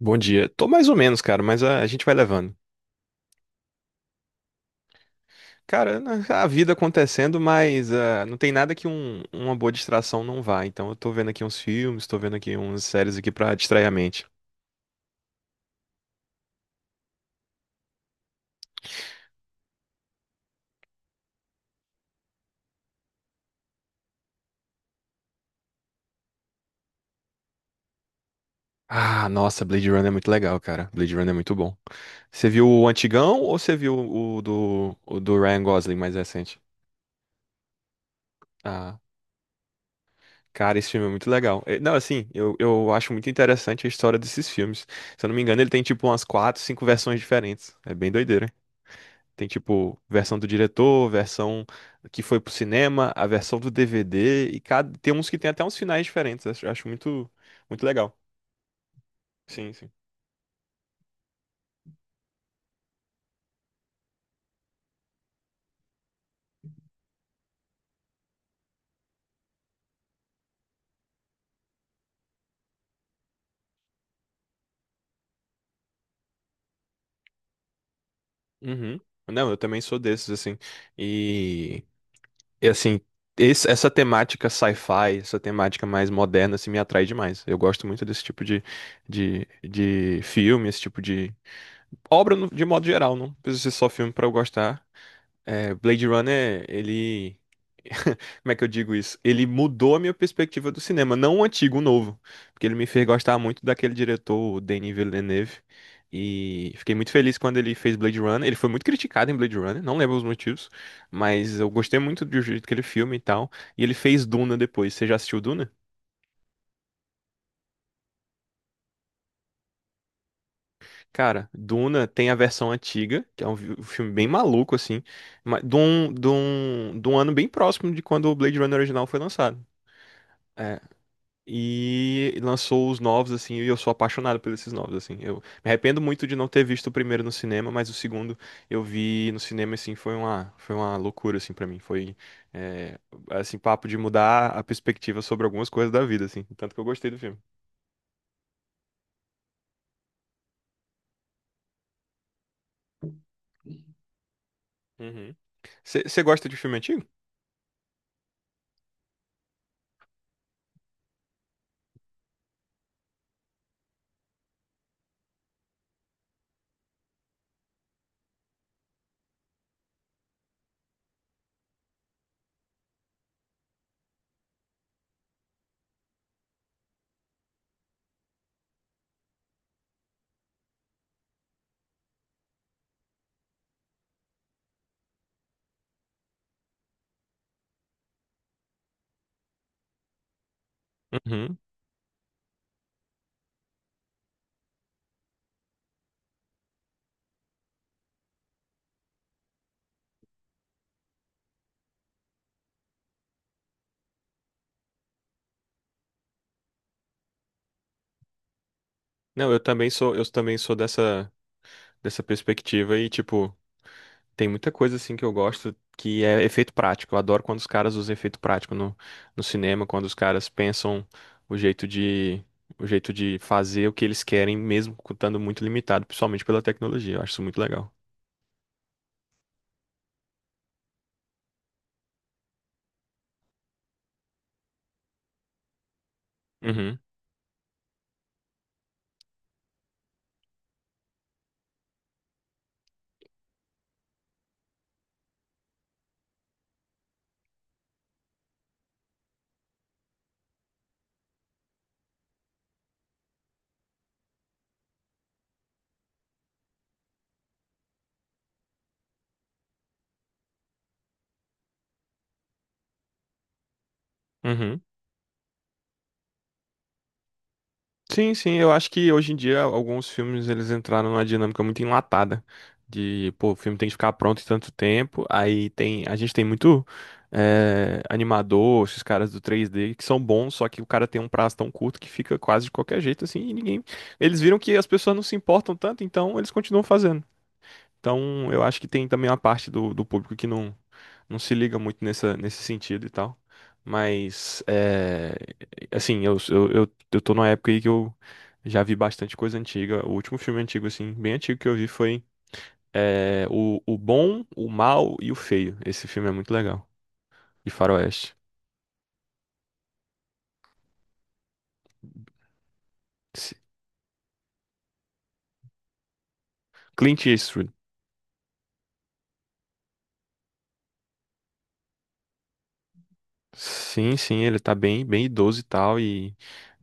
Bom dia. Tô mais ou menos, cara, mas a gente vai levando. Cara, né, a vida acontecendo, mas não tem nada que uma boa distração não vá. Então eu tô vendo aqui uns filmes, tô vendo aqui umas séries aqui pra distrair a mente. Ah, nossa, Blade Runner é muito legal, cara. Blade Runner é muito bom. Você viu o antigão ou você viu o do Ryan Gosling mais recente? Ah, cara, esse filme é muito legal. Não, assim, eu acho muito interessante a história desses filmes. Se eu não me engano, ele tem tipo umas quatro, cinco versões diferentes. É bem doideira. Tem tipo versão do diretor, versão que foi pro cinema, a versão do DVD, e cada tem uns que tem até uns finais diferentes. Acho muito muito legal. Sim, sim. Uhum. Não, eu também sou desses assim. E, e assim, essa temática sci-fi, essa temática mais moderna assim me atrai demais. Eu gosto muito desse tipo de filme, esse tipo de obra no- de modo geral, não precisa ser só filme pra eu gostar. É, Blade Runner, ele Como é que eu digo isso? Ele mudou a minha perspectiva do cinema, não o antigo, o novo. Porque ele me fez gostar muito daquele diretor, o Denis Villeneuve. E fiquei muito feliz quando ele fez Blade Runner. Ele foi muito criticado em Blade Runner, não lembro os motivos, mas eu gostei muito do jeito que ele filma e tal. E ele fez Duna depois. Você já assistiu Duna? Cara, Duna tem a versão antiga, que é um filme bem maluco, assim, mas de um ano bem próximo de quando o Blade Runner original foi lançado. É, e lançou os novos, assim, e eu sou apaixonado por esses novos, assim. Eu me arrependo muito de não ter visto o primeiro no cinema, mas o segundo eu vi no cinema, assim, foi uma loucura, assim, pra mim. É, assim, papo de mudar a perspectiva sobre algumas coisas da vida, assim. Tanto que eu gostei do filme. Uhum. Você gosta de filme antigo? Uhum. Não, eu também sou dessa perspectiva e, tipo, tem muita coisa assim que eu gosto que é efeito prático. Eu adoro quando os caras usam efeito prático no cinema, quando os caras pensam o jeito de o jeito de fazer o que eles querem, mesmo estando muito limitado, principalmente pela tecnologia. Eu acho isso muito legal. Uhum. Uhum. Sim, sim, eu acho que hoje em dia alguns filmes eles entraram numa dinâmica muito enlatada de, pô, o filme tem que ficar pronto em tanto tempo, a gente tem muito animador, esses caras do 3D que são bons, só que o cara tem um prazo tão curto que fica quase de qualquer jeito assim, e ninguém, eles viram que as pessoas não se importam tanto, então eles continuam fazendo. Então, eu acho que tem também uma parte do público que não se liga muito nessa, nesse sentido e tal. Mas, é, assim, eu tô numa época aí que eu já vi bastante coisa antiga. O último filme antigo, assim, bem antigo que eu vi foi o Bom, o Mal e o Feio. Esse filme é muito legal. De faroeste. Clint Eastwood. Sim, sim, ele tá bem, bem idoso e tal, e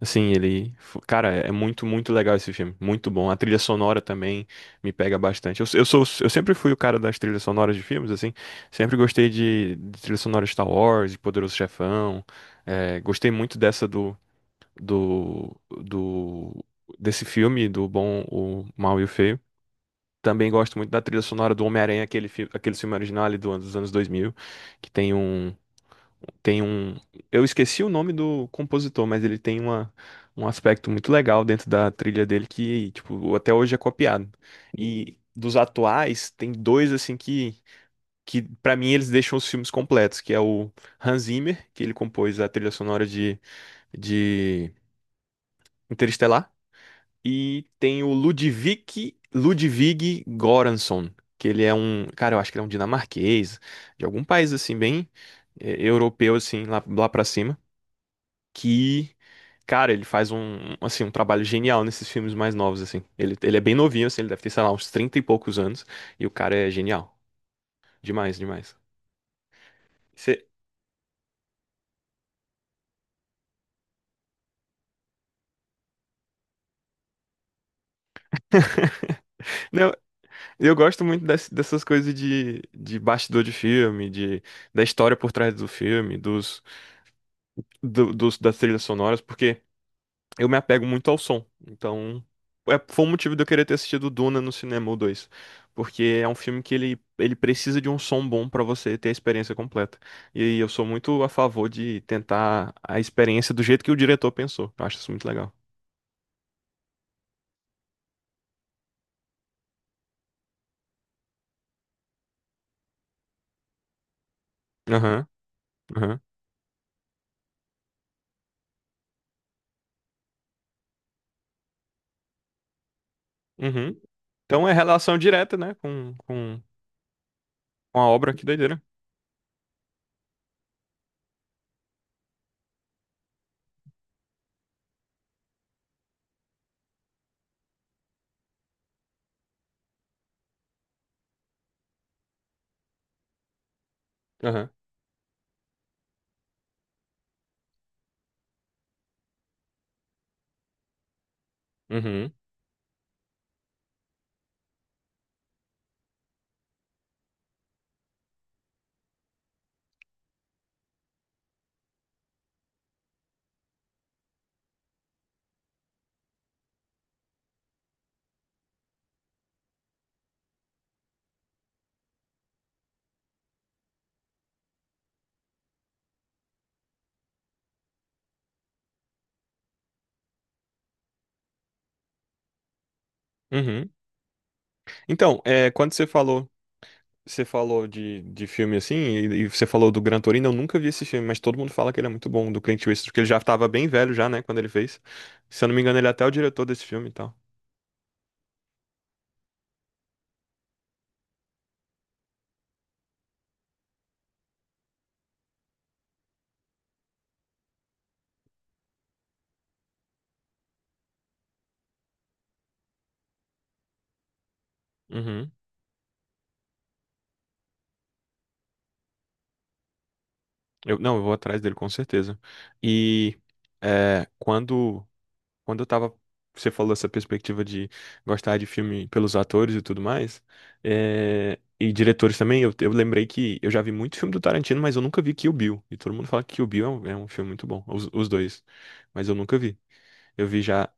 assim, cara, é muito, muito legal esse filme, muito bom. A trilha sonora também me pega bastante. Eu sempre fui o cara das trilhas sonoras de filmes, assim, sempre gostei de trilha sonora de Star Wars, de Poderoso Chefão, é, gostei muito dessa do, do, desse filme, do Bom, o Mal e o Feio. Também gosto muito da trilha sonora do Homem-Aranha, aquele filme original ali dos anos 2000 que tem um. Eu esqueci o nome do compositor, mas ele tem uma, um aspecto muito legal dentro da trilha dele que, tipo, até hoje é copiado. E dos atuais, tem dois, assim, que para mim eles deixam os filmes completos, que é o Hans Zimmer, que ele compôs a trilha sonora de Interestelar, e tem o Ludwig, Ludwig Göransson, que ele é um. Cara, eu acho que ele é um dinamarquês, de algum país, assim, bem. Europeu, assim, lá pra cima. Que, cara, ele faz um, assim, um trabalho genial nesses filmes mais novos, assim. Ele é bem novinho, assim, ele deve ter, sei lá, uns 30 e poucos anos, e o cara é genial. Demais, demais. Você- Não, eu gosto muito dessas coisas de bastidor de filme, da história por trás do filme, das trilhas sonoras, porque eu me apego muito ao som. Então, é, foi o motivo de eu querer ter assistido Duna no cinema, o 2. Porque é um filme que ele precisa de um som bom pra você ter a experiência completa. E eu sou muito a favor de tentar a experiência do jeito que o diretor pensou. Eu acho isso muito legal. Aham, aham, uhum. Então é relação direta, né, com a obra, que doideira. Aham, uhum, uhum. Então, é, quando você falou você falou de filme assim, e você falou do Gran Torino, eu nunca vi esse filme, mas todo mundo fala que ele é muito bom, do Clint Eastwood, porque ele já estava bem velho já, né, quando ele fez. Se eu não me engano, ele é até o diretor desse filme e tal. Uhum. Não, eu vou atrás dele com certeza. E é, quando Quando eu tava, você falou essa perspectiva de gostar de filme pelos atores e tudo mais, é, e diretores também, eu lembrei que eu já vi muito filme do Tarantino, mas eu nunca vi Kill Bill. E todo mundo fala que Kill Bill é um, filme muito bom, os dois. Mas eu nunca vi. Eu vi já,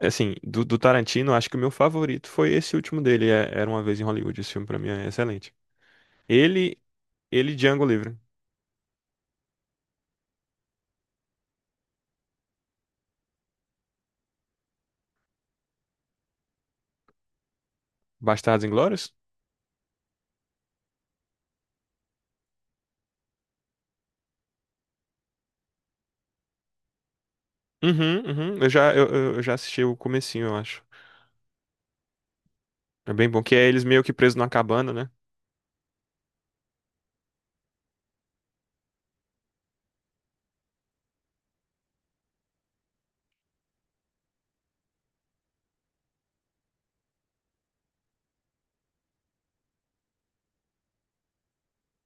assim, do Tarantino, acho que o meu favorito foi esse último dele, Era Uma Vez em Hollywood. Esse filme pra mim é excelente. Ele, e Django Livre. Bastardos Inglórios? Uhum, uhum. Eu já assisti o comecinho, eu acho. É bem bom, que é eles meio que presos numa cabana, né?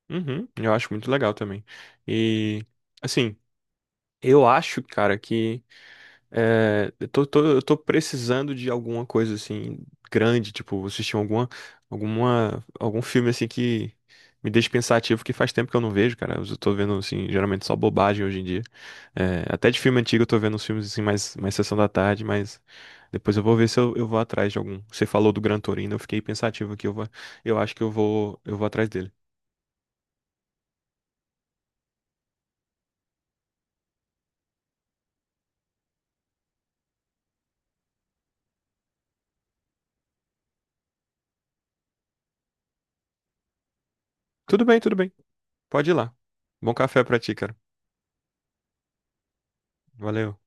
Uhum, eu acho muito legal também. E, assim, eu acho, cara, que eu tô precisando de alguma coisa, assim, grande, tipo, assistir algum filme, assim, que me deixe pensativo, que faz tempo que eu não vejo, cara. Eu tô vendo, assim, geralmente só bobagem hoje em dia. É, até de filme antigo eu tô vendo uns filmes, assim, mais sessão da tarde, mas depois eu vou ver se eu vou atrás de algum. Você falou do Gran Torino, eu fiquei pensativo aqui, eu acho que eu vou atrás dele. Tudo bem, tudo bem. Pode ir lá. Bom café pra ti, cara. Valeu.